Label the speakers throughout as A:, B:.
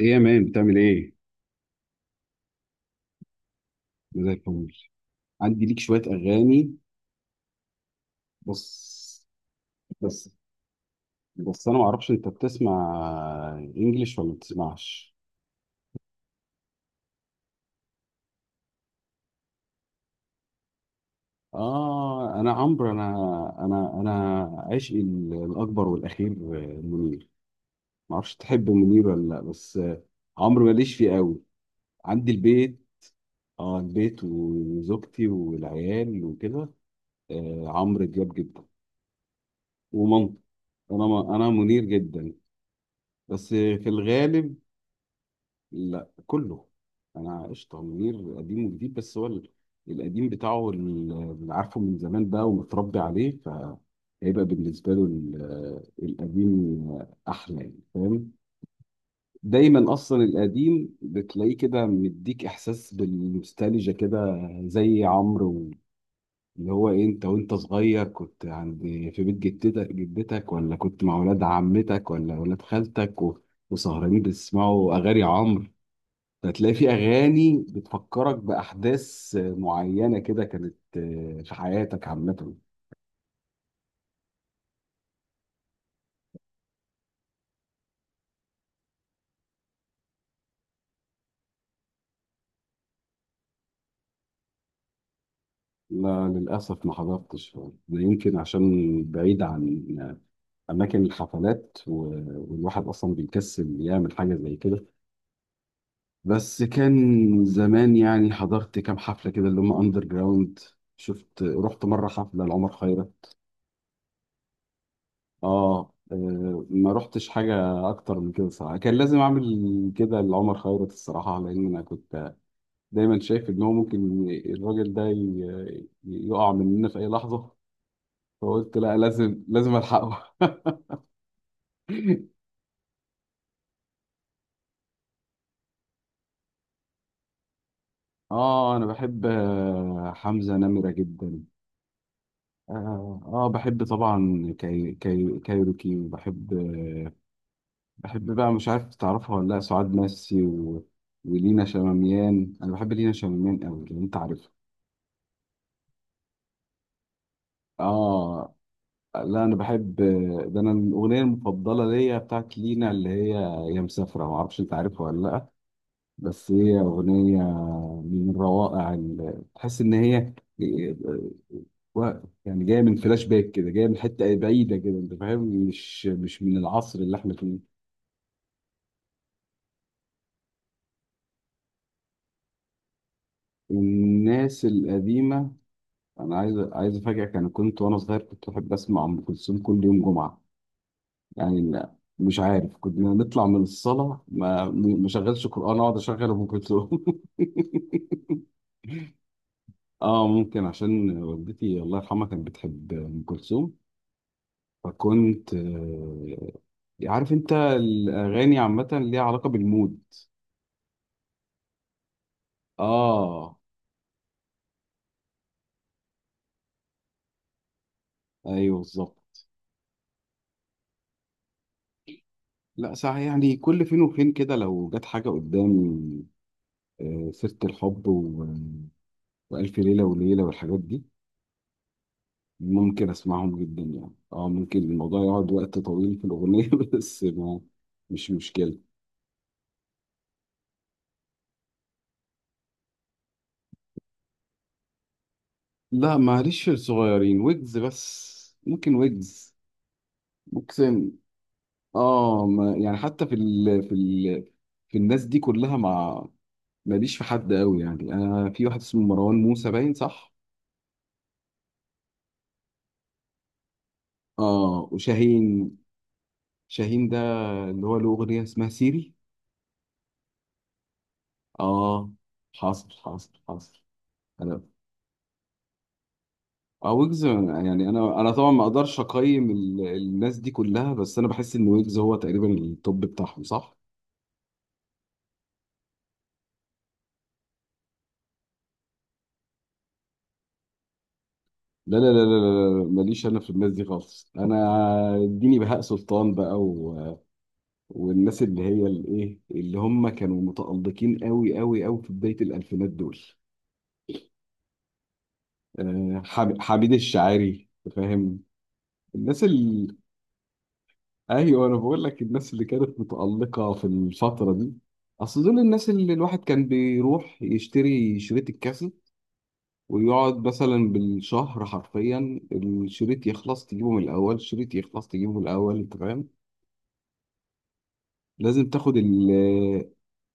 A: ايه يا مان بتعمل ايه؟ أنا زي الفل. عندي ليك شوية أغاني. بص. بس بس أنا معرفش أنت بتسمع إنجليش ولا ما بتسمعش. آه، أنا عمرو. أنا عشقي الأكبر والأخير منير. معرفش تحب منير ولا لأ، بس عمرو ماليش فيه قوي. عندي البيت. آه، البيت وزوجتي والعيال وكده. آه، عمرو دياب جدا، ومامتي. أنا منير جدا، بس في الغالب. لا، كله. انا عشت على منير قديم وجديد، بس هو القديم بتاعه هو اللي عارفه من زمان بقى ومتربي عليه، فهيبقى بالنسبه له القديم احلى، يعني فاهم؟ دايما اصلا القديم بتلاقيه كده مديك احساس بالنوستالجيا كده، زي عمرو. اللي هو إيه، انت وانت صغير كنت عند، في بيت جدتك جدتك، ولا كنت مع ولاد عمتك ولا ولاد خالتك، و- وسهرانين بتسمعوا اغاني عمرو. هتلاقي في اغاني بتفكرك باحداث معينه كده كانت في حياتك عامه. لا، للاسف ما حضرتش. ده يمكن عشان بعيد عن اماكن الحفلات، و- والواحد اصلا بيكسل يعمل حاجه زي كده. بس كان زمان يعني حضرت كام حفله كده اللي هم اندر جراوند. شفت، رحت مره حفله لعمر خيرت. اه، ما رحتش حاجه اكتر من كده صراحه. كان لازم اعمل كده لعمر خيرت الصراحه، لان انا كنت دايما شايف ان هو ممكن ي- الراجل ده ي- ي- يقع مننا في اي لحظه، فقلت لا، لازم الحقه. اه انا بحب حمزه نمره جدا. اه، بحب طبعا كايروكي، وبحب، بقى مش عارف تعرفها ولا لا، سعاد مسي و... ولينا شماميان، انا بحب لينا شماميان قوي لو انت عارفها. اه. لا انا بحب، ده انا الاغنيه المفضله ليا بتاعت لينا اللي هي يا مسافره، ما اعرفش انت عارفها ولا لا. بس هي أغنية من الروائع تحس إن هي و- يعني جاية من فلاش باك كده، جاية من حتة بعيدة كده، أنت فاهم. مش من العصر اللي إحنا فيه. الناس القديمة، أنا عايز أفاجئك، أنا كنت وأنا صغير كنت أحب أسمع أم كلثوم كل يوم جمعة. يعني لا، مش عارف، كنا نطلع من الصلاة ما شغلش قرآن، أقعد أشغل أم كلثوم. اه ممكن عشان والدتي الله يرحمها كانت بتحب ام كلثوم. فكنت عارف انت الاغاني عامه ليها علاقه بالمود. اه ايوه بالظبط. لا صح، يعني كل فين وفين كده لو جت حاجه قدامي، سيره الحب و... والف ليله وليله والحاجات دي ممكن اسمعهم جدا. يعني اه ممكن الموضوع يقعد وقت طويل في الاغنيه، بس ما مش مشكله. لا، معلش، في الصغيرين ويجز، بس ممكن ويجز. ممكن اه، ما يعني حتى في ال... في ال... في الناس دي كلها ما ماليش في حد قوي يعني. انا في واحد اسمه مروان موسى باين، صح. اه وشاهين. شاهين ده اللي هو له اغنيه اسمها سيري. اه، حاصل حاصل حاصل. انا اه، ويجز يعني انا انا طبعا ما اقدرش اقيم الناس دي كلها، بس انا بحس ان ويجز هو تقريبا التوب بتاعهم، صح. لا، لا، ماليش انا في الناس دي خالص. انا اديني بهاء سلطان بقى و... والناس اللي هي الايه اللي هم كانوا متألقين قوي قوي قوي في بداية الالفينات دول. حب- حميد الشاعري، فاهم. الناس اللي، ايوه انا بقول لك الناس اللي كانت متألقة في الفترة دي. اصل دول الناس اللي الواحد كان بيروح يشتري شريط الكاسيت ويقعد مثلا بالشهر حرفيا، الشريط يخلص تجيبه من الاول، الشريط يخلص تجيبه من الاول، انت فاهم. لازم تاخد ال،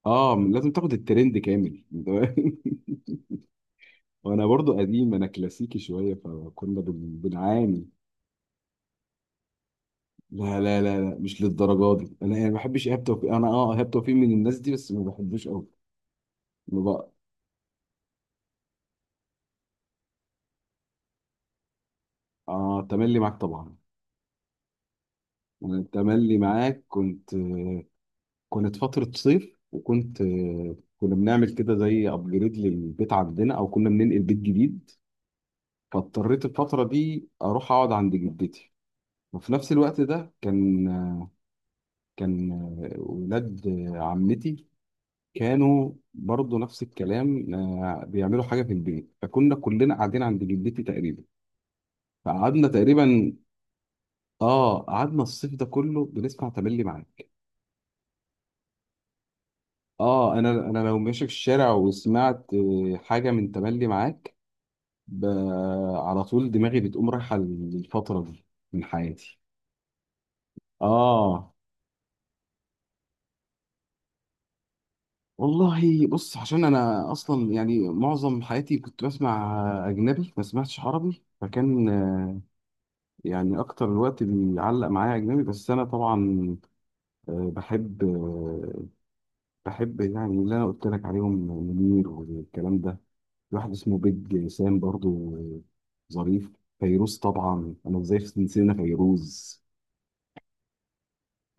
A: اه لازم تاخد الترند كامل أنت فاهم؟ وانا برضو قديم، انا كلاسيكي شوية، فكنا بن- بنعاني. لا، مش للدرجه دي. انا يعني ما بحبش ايهاب توفيق. انا اه ايهاب توفيق من الناس دي، بس ما بحبوش قوي بقى. اه تملي معاك طبعا. أنا التملي معاك كنت، كانت فتره صيف وكنت، كنا بنعمل كده زي ابجريد للبيت عندنا، او كنا بننقل بيت جديد، فاضطريت الفتره دي اروح اقعد عند جدتي. وفي نفس الوقت ده كان، كان ولاد عمتي كانوا برضه نفس الكلام، بيعملوا حاجه في البيت، فكنا كلنا قاعدين عند جدتي تقريبا. فقعدنا تقريبا، اه قعدنا الصيف ده كله بنسمع تملي معاك. اه انا لو ماشي في الشارع وسمعت حاجه من تملي معاك، ب... على طول دماغي بتقوم رايحه للفتره دي من حياتي. اه والله بص، عشان انا اصلا يعني معظم حياتي كنت بسمع اجنبي ما سمعتش عربي، فكان يعني اكتر الوقت بيعلق معايا اجنبي. بس انا طبعا بحب بحب يعني اللي انا قلت لك عليهم، منير والكلام ده. في واحد اسمه بيج سام برضو، ظريف. فيروز طبعا، انا ازاي نسينا فيروز.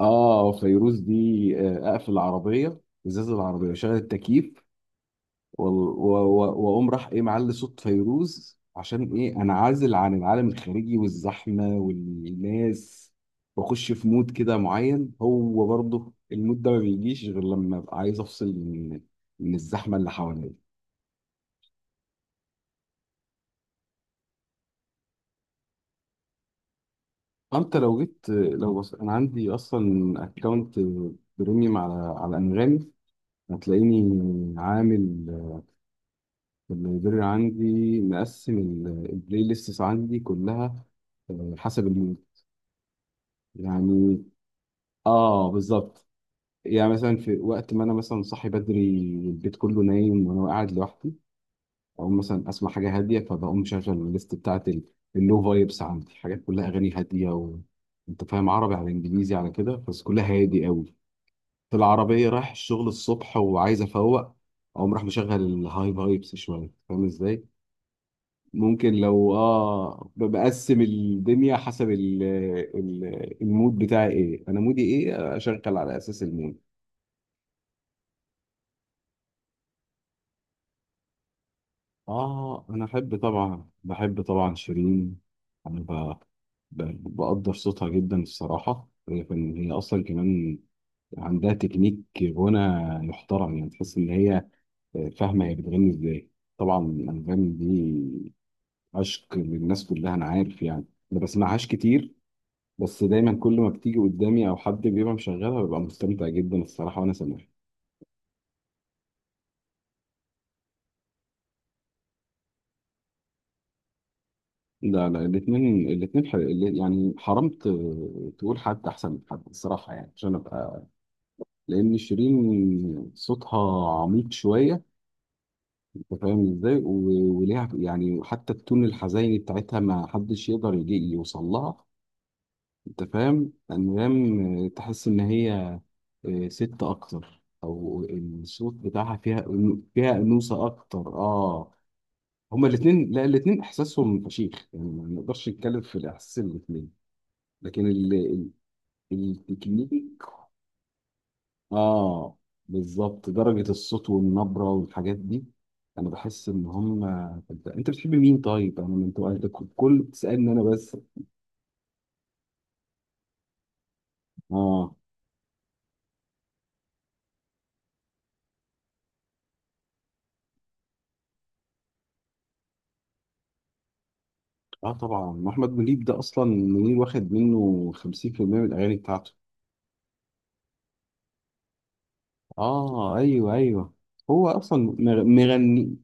A: اه، فيروز دي اقفل العربيه، ازاز العربيه وشغل التكييف، و- و- و- واقوم راح ايه معلي صوت فيروز، عشان ايه انعزل عن العالم الخارجي والزحمه والناس، واخش في مود كده معين. هو برضه المود ده ما بيجيش غير لما ابقى عايز افصل من من الزحمه اللي حواليا. انت لو جيت، لو بص انا عندي اصلا اكونت بريميوم على على انغامي، هتلاقيني عامل اللايبرري عندي مقسم البلاي ليستس عندي كلها حسب المود. يعني اه بالظبط. يعني مثلا في وقت ما انا مثلا صاحي بدري والبيت كله نايم وانا قاعد لوحدي، او مثلا اسمع حاجه هاديه، فبقوم مشغل الليست بتاعت اللو فايبس، عندي حاجات كلها اغاني هاديه و... انت فاهم عربي على انجليزي على كده، بس كلها هادي قوي. في العربيه رايح الشغل الصبح وعايز افوق، اقوم راح مشغل الهاي فايبس شويه، فاهم ازاي. ممكن لو اه ب- بقسم الدنيا حسب ال المود بتاعي ايه، انا مودي ايه، اشغل على اساس المود. آه أنا أحب طبعا، بحب طبعا شيرين. أنا ب... ب... بقدر صوتها جدا الصراحة. هي فن- هي أصلا كمان عندها تكنيك غنى يحترم. يعني تحس إن هي فاهمة هي بتغني إزاي. طبعا الأنغام دي عشق للناس كلها، أنا عارف يعني. ما بسمعهاش كتير، بس دايما كل ما بتيجي قدامي أو حد بيبقى مشغلها ببقى مستمتع جدا الصراحة وأنا سامعها. لا لا، الاثنين ح... يعني حرام ت... تقول حد احسن من حد الصراحه، يعني عشان ابقى، لان شيرين صوتها عميق شويه، انت فاهم ازاي، و... وليها يعني حتى التون الحزيني بتاعتها ما حدش يقدر يجي يوصل لها. انت فاهم انغام تحس ان هي ست اكتر، او الصوت بتاعها فيها، فيها انوثه اكتر، اه. هما الاثنين، لا الاثنين احساسهم فشيخ يعني، ما نقدرش نتكلم في الاحساس الاثنين. لكن التكنيك، اه بالظبط درجة الصوت والنبرة والحاجات دي، انا بحس ان هم، انت بتحب مين طيب؟ انا انت كل بتسألني انا بس. اه، اه طبعا احمد منيب ده اصلا منير واخد منه 50% من الاغاني بتاعته. اه ايوه ايوه. هو اصلا مغ- مغني،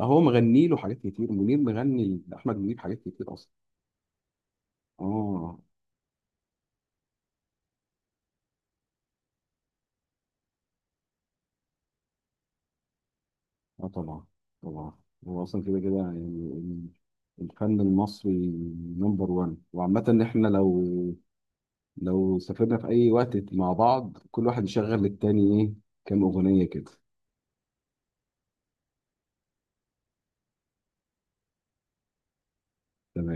A: هو مغني له حاجات كتير، منير مغني لاحمد منيب حاجات كتير اصلا. اه. اه طبعا طبعا. هو اصلا كده كده يعني الفن المصري نمبر وان. وعامة ان احنا لو لو سافرنا في اي وقت مع بعض كل واحد يشغل للتاني ايه كام اغنية كده. تمام.